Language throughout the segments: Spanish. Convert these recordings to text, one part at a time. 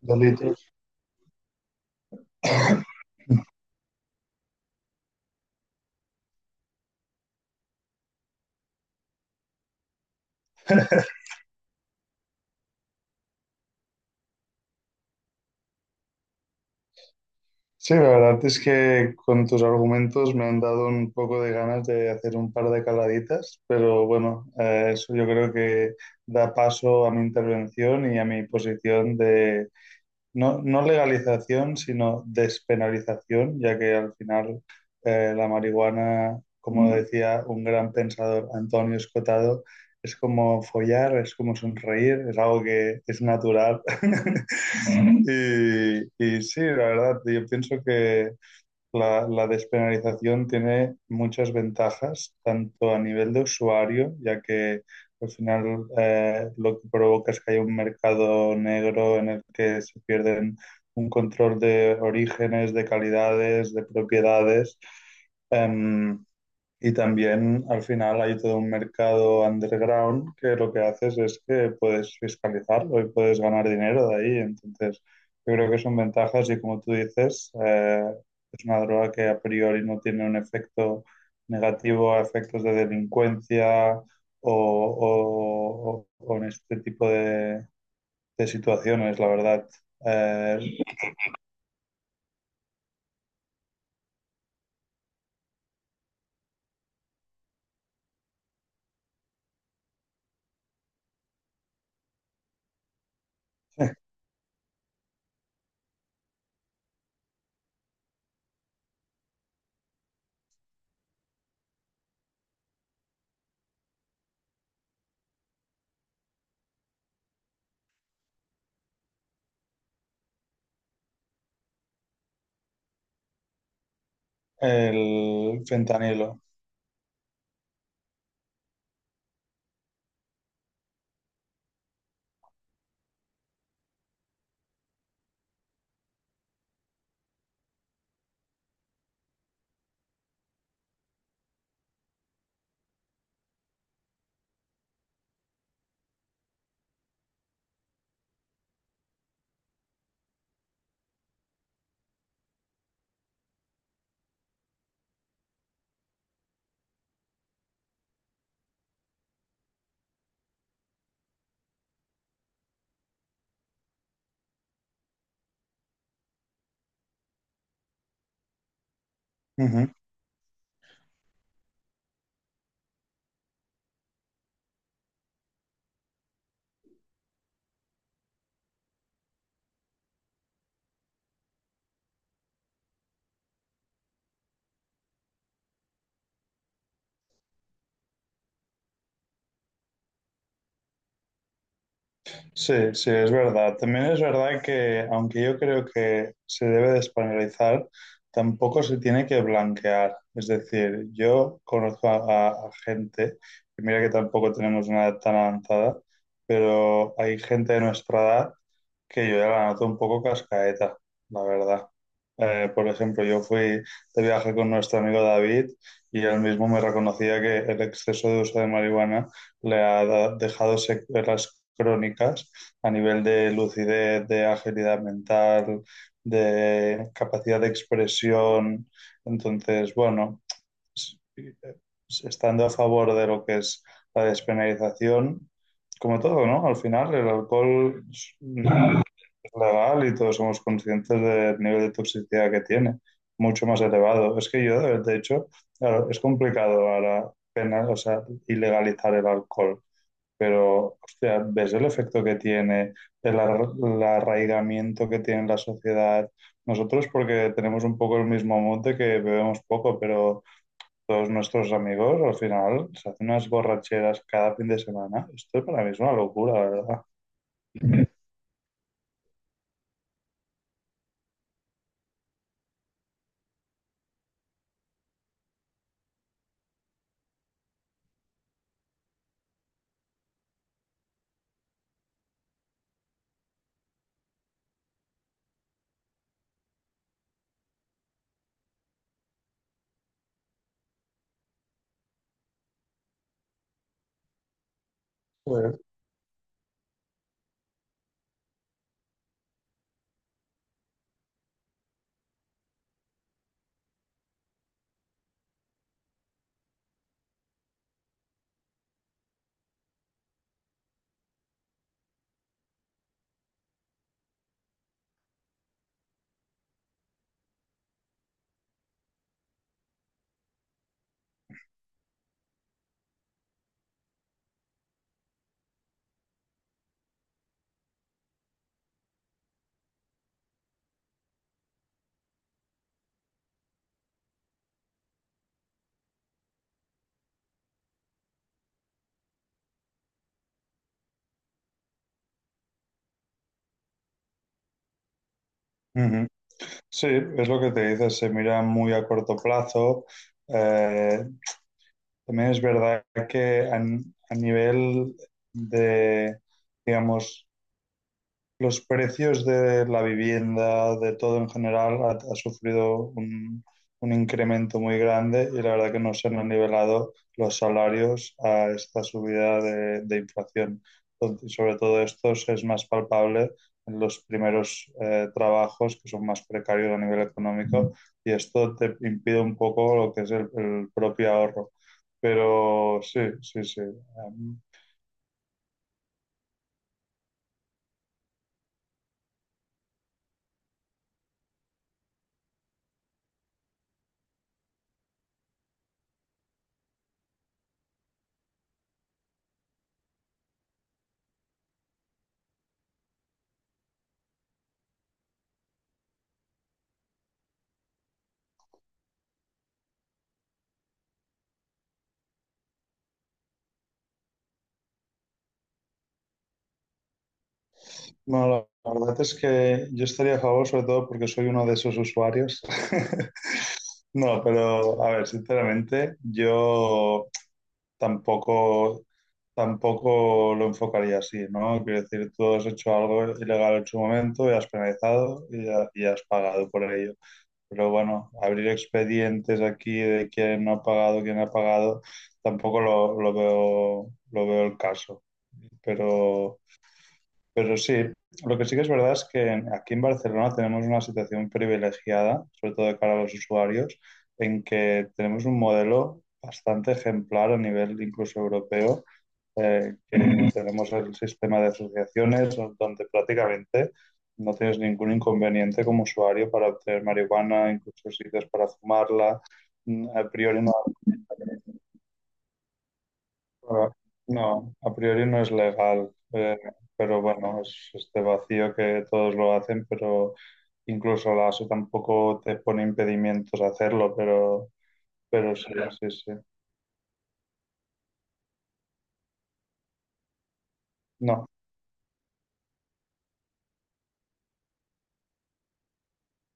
Delitos. Sí, la verdad es que con tus argumentos me han dado un poco de ganas de hacer un par de caladitas, pero bueno, eso yo creo que da paso a mi intervención y a mi posición de No, no legalización, sino despenalización, ya que al final la marihuana, como decía un gran pensador, Antonio Escotado, es como follar, es como sonreír, es algo que es natural. Mm. Y sí, la verdad, yo pienso que la despenalización tiene muchas ventajas, tanto a nivel de usuario, ya que al final lo que provoca es que hay un mercado negro en el que se pierden un control de orígenes, de calidades, de propiedades. Em, y también al final hay todo un mercado underground que lo que haces es que puedes fiscalizarlo y puedes ganar dinero de ahí. Entonces, yo creo que son ventajas y como tú dices, es una droga que a priori no tiene un efecto negativo a efectos de delincuencia o en este tipo de situaciones, la verdad. Eh, el fentanilo. Sí, sí, es verdad. También es verdad que, aunque yo creo que se debe de españolizar, tampoco se tiene que blanquear. Es decir, yo conozco a gente, y mira que tampoco tenemos una edad tan avanzada, pero hay gente de nuestra edad que yo ya la noto un poco cascaeta, la verdad. Por ejemplo, yo fui de viaje con nuestro amigo David y él mismo me reconocía que el exceso de uso de marihuana le ha dejado secuelas crónicas a nivel de lucidez, de agilidad mental, de capacidad de expresión. Entonces, bueno, s- eh, estando a favor de lo que es la despenalización, como todo, ¿no? Al final, el alcohol legal, y todos somos conscientes del nivel de toxicidad que tiene, mucho más elevado. Es que yo, de hecho, claro, es complicado ahora penal, o sea, ilegalizar el alcohol, pero, hostia, ves el efecto que tiene, el arraigamiento que tiene en la sociedad. Nosotros, porque tenemos un poco el mismo mood de que bebemos poco, pero todos nuestros amigos al final se hacen unas borracheras cada fin de semana. Esto para mí es una locura, la verdad. Pues, Ujú. Sí, es lo que te dices, se mira muy a corto plazo. Eh, También es verdad que a nivel de, digamos, los precios de la vivienda, de todo en general, ha sufrido un incremento muy grande, y la verdad que no se han nivelado los salarios a esta subida de inflación. Entonces, sobre todo esto es más palpable en los primeros trabajos que son más precarios a nivel económico, y esto te impide un poco lo que es el propio ahorro. Pero sí, sí, sí. Um, No, la verdad es que yo estaría a favor, sobre todo porque soy uno de esos usuarios. No, pero a ver, sinceramente, yo tampoco, tampoco lo enfocaría así, ¿no? Quiero decir, tú has hecho algo ilegal en su momento y has penalizado y has pagado por ello. Pero bueno, abrir expedientes aquí de quién no ha pagado, tampoco lo veo, lo veo el caso. Pero. Pero sí, lo que sí que es verdad es que aquí en Barcelona tenemos una situación privilegiada, sobre todo de cara a los usuarios, en que tenemos un modelo bastante ejemplar a nivel incluso europeo, que tenemos el sistema de asociaciones donde prácticamente no tienes ningún inconveniente como usuario para obtener marihuana, incluso sitios para fumarla. Mm, a priori no. Ah, no, a priori no es legal, pero bueno, es este vacío que todos lo hacen, pero incluso la ASO tampoco te pone impedimentos a hacerlo, pero sí, ya. Sí, sí. No,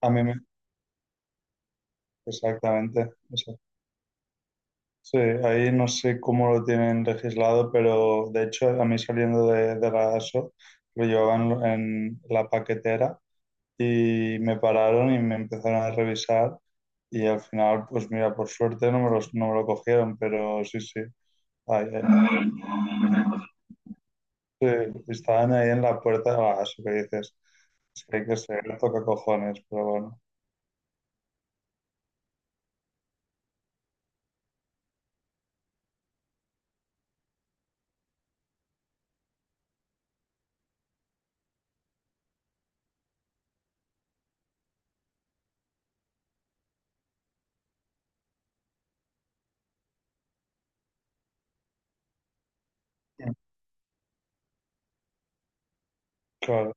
a mí me... Exactamente eso. Sí, ahí no sé cómo lo tienen legislado, pero de hecho a mí, saliendo de la ASO, lo llevaban en la paquetera y me pararon y me empezaron a revisar. Y al final, pues mira, por suerte no me los, no me lo cogieron, pero sí, sí. Ahí, ahí. Sí, estaban ahí en la puerta, ah, eso que dices, es que hay que ser toca cojones, pero bueno. Claro,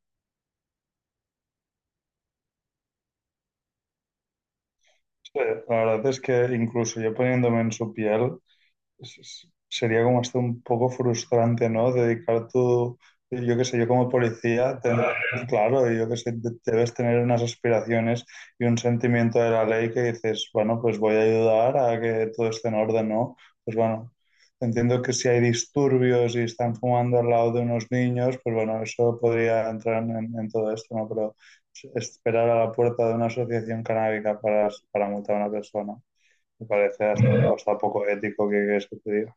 sí, la verdad es que incluso yo poniéndome en su piel, sería como hasta un poco frustrante, ¿no? Dedicar tu, yo qué sé, yo como policía, claro, yo qué sé, debes tener unas aspiraciones y un sentimiento de la ley que dices, bueno, pues voy a ayudar a que todo esté en orden, ¿no? Pues bueno, entiendo que si hay disturbios y están fumando al lado de unos niños, pues bueno, eso podría entrar en todo esto, ¿no? Pero esperar a la puerta de una asociación canábica para multar a una persona. Me parece hasta poco ético que eso te diga.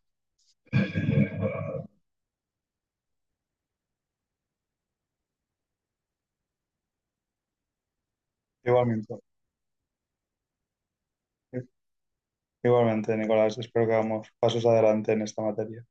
Igualmente, igualmente, Nicolás, espero que hagamos pasos adelante en esta materia.